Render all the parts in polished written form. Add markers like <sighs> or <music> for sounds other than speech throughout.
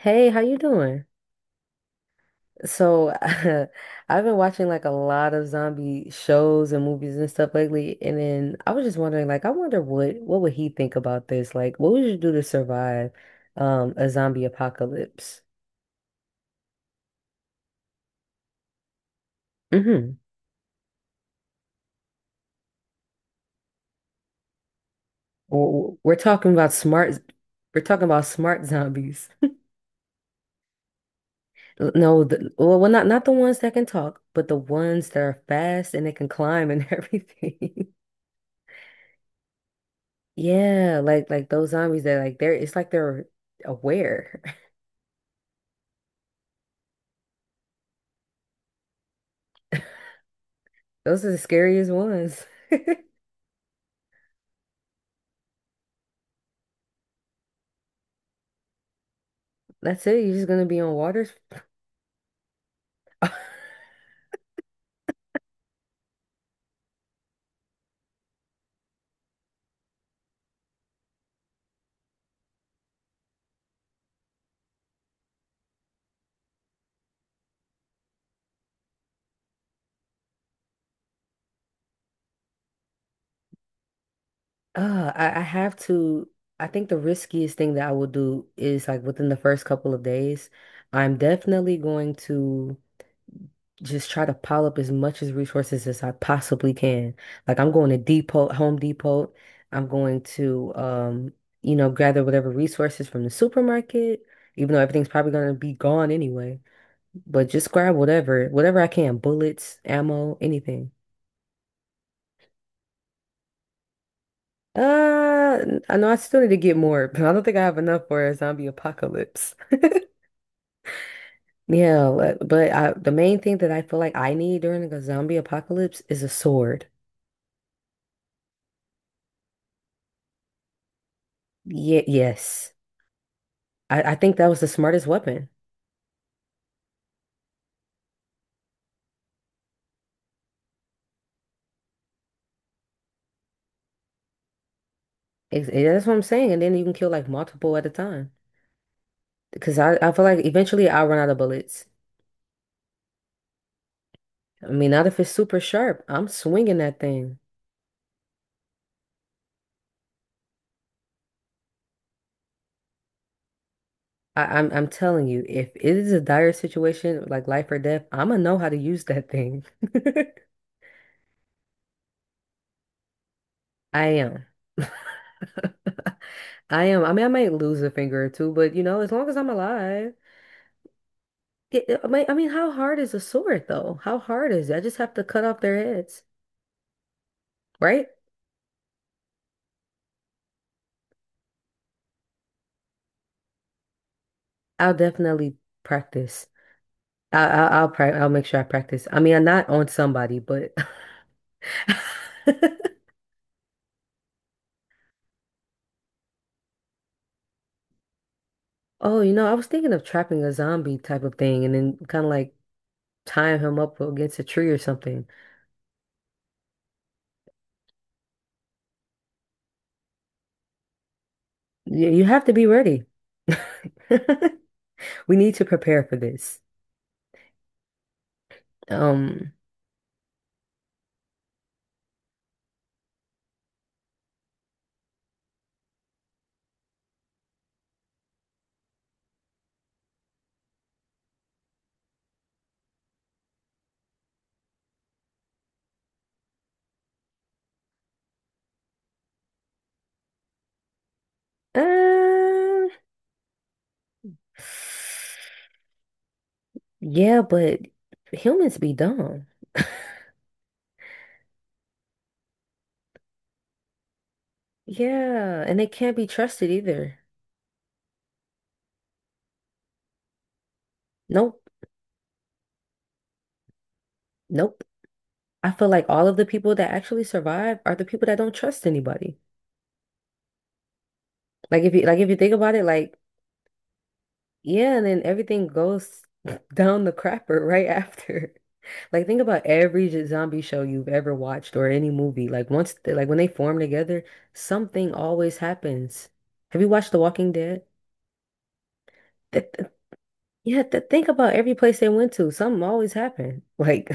Hey, how you doing? <laughs> I've been watching like a lot of zombie shows and movies and stuff lately, and then I was just wondering, like, I wonder what would he think about this? Like, what would you do to survive a zombie apocalypse? Hmm. We're talking about smart zombies. <laughs> No, well, not the ones that can talk, but the ones that are fast and they can climb and <laughs> everything. Yeah, like those zombies that like they're it's like they're aware. Those are the scariest ones. That's it. You're just gonna be on water. <laughs> I have to. I think the riskiest thing that I will do is like within the first couple of days, I'm definitely going to just try to pile up as much as resources as I possibly can. Like I'm going to Home Depot. I'm going to you know, gather whatever resources from the supermarket, even though everything's probably gonna be gone anyway. But just grab whatever I can, bullets, ammo, anything. Uh, I know I still need to get more, but I don't think I have enough for a zombie apocalypse. Yeah, but the main thing that I feel like I need during like, a zombie apocalypse is a sword. Yeah, yes. I think that was the smartest weapon. Yeah, that's what I'm saying. And then you can kill like multiple at a time. Because I feel like eventually I'll run out of bullets. I mean, not if it's super sharp. I'm swinging that thing. I'm telling you, if it is a dire situation, like life or death, I'm gonna know how to use that thing. <laughs> I am. <laughs> <laughs> I am. I mean, I might lose a finger or two, but you know, as long as I'm alive. Yeah, I mean, how hard is a sword though? How hard is it? I just have to cut off their heads, right? I'll definitely practice. I'll I'll make sure I practice. I mean, I'm not on somebody, but <laughs> oh, you know, I was thinking of trapping a zombie type of thing, and then kind of like tying him up against a tree or something. You have to be ready. <laughs> We need to prepare for this. Um. Uh, Yeah, but humans be dumb. Yeah, and they can't be trusted either. Nope, nope. I feel like all of the people that actually survive are the people that don't trust anybody. If you think about it, like yeah, and then everything goes <laughs> down the crapper right after. <laughs> Like think about every zombie show you've ever watched or any movie. Like like when they form together, something always happens. Have you watched The Walking Dead? That You have to think about every place they went to. Something always happened. Like,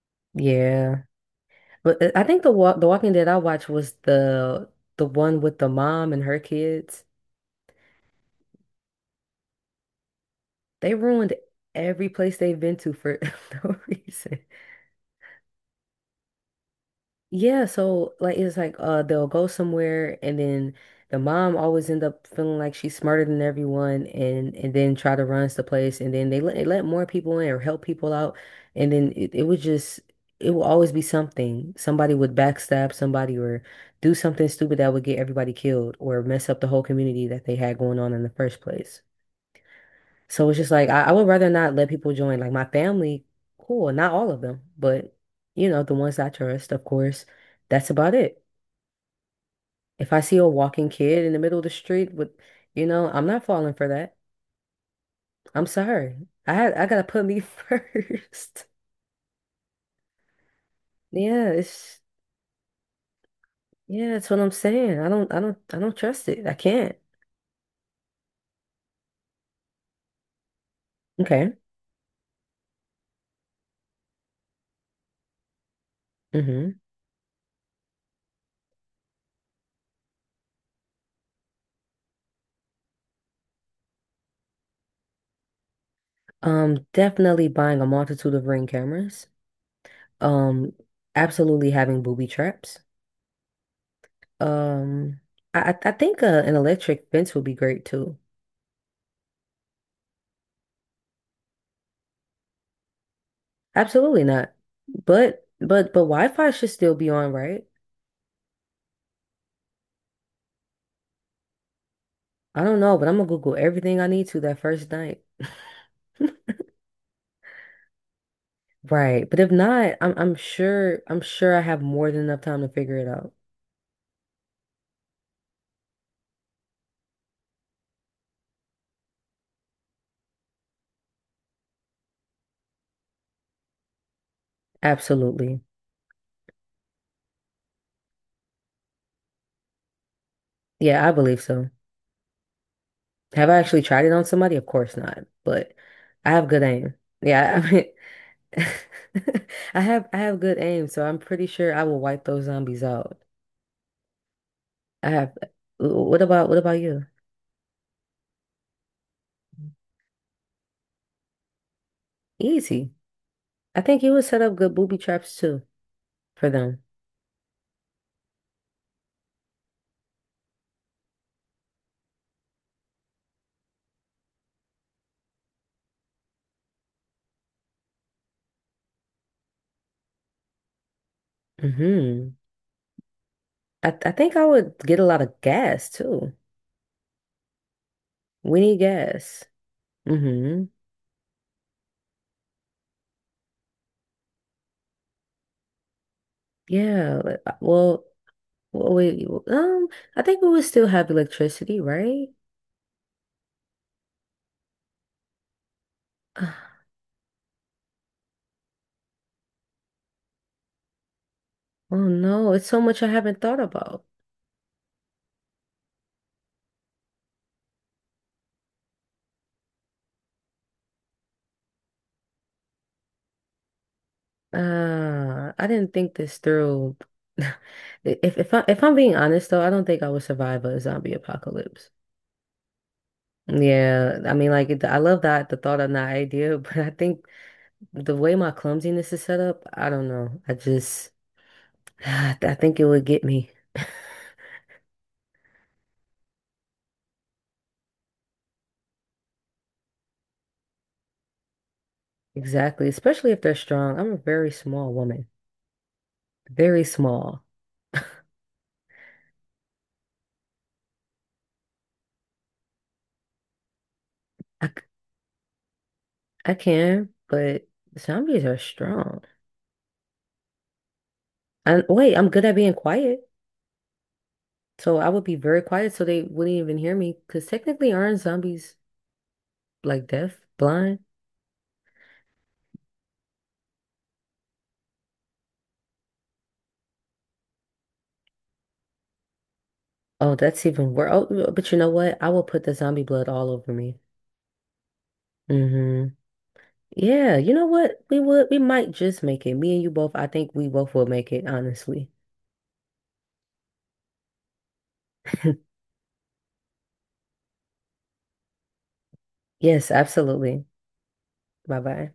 <laughs> yeah. But I think the Walking Dead I watched was the one with the mom and her kids. They ruined every place they've been to for <laughs> no reason. Yeah, so like it's like they'll go somewhere and then the mom always end up feeling like she's smarter than everyone and then try to runs the place and then they let more people in or help people out and then it would just it will always be something. Somebody would backstab somebody or do something stupid that would get everybody killed or mess up the whole community that they had going on in the first place. So it's just like I would rather not let people join. Like my family, cool, not all of them, but you know, the ones I trust, of course, that's about it. If I see a walking kid in the middle of the street with, you know, I'm not falling for that. I'm sorry. I gotta put me <laughs> first. Yeah, it's yeah, that's what I'm saying. I don't trust it. I can't. Okay. Hmm. Definitely buying a multitude of ring cameras. Um, absolutely having booby traps. Um, I think an electric fence would be great too. Absolutely not. But Wi-Fi should still be on, right? I don't know, but I'm gonna Google everything I need to that first night. Right. But if not, I'm sure I have more than enough time to figure it out. Absolutely. Yeah, I believe so. Have I actually tried it on somebody? Of course not. But I have good aim. Yeah, I mean <laughs> I have good aim, so I'm pretty sure I will wipe those zombies out. I have. What about you? Easy. I think you would set up good booby traps too for them. Hmm. I think I would get a lot of gas too. We need gas. Hmm. Yeah. Well, wait. w- Um, I think we would still have electricity, right? <sighs> Uh, Oh no, it's so much I haven't thought about. I didn't think this through. <laughs> If I'm being honest though, I don't think I would survive a zombie apocalypse. Yeah, I mean, like, I love that the thought and the idea, <laughs> but I think the way my clumsiness is set up, I don't know. I just, <sighs> I think it would get me. Exactly. Especially if they're strong. I'm a very small woman, very small. I, c- I can, but zombies are strong. And wait, I'm good at being quiet. So I would be very quiet so they wouldn't even hear me because technically aren't zombies like deaf, blind? Oh, that's even worse. Oh, but you know what? I will put the zombie blood all over me. Mm-hmm. Yeah, you know what? We might just make it. Me and you both, I think we both will make it, honestly. <laughs> Yes, absolutely. Bye bye.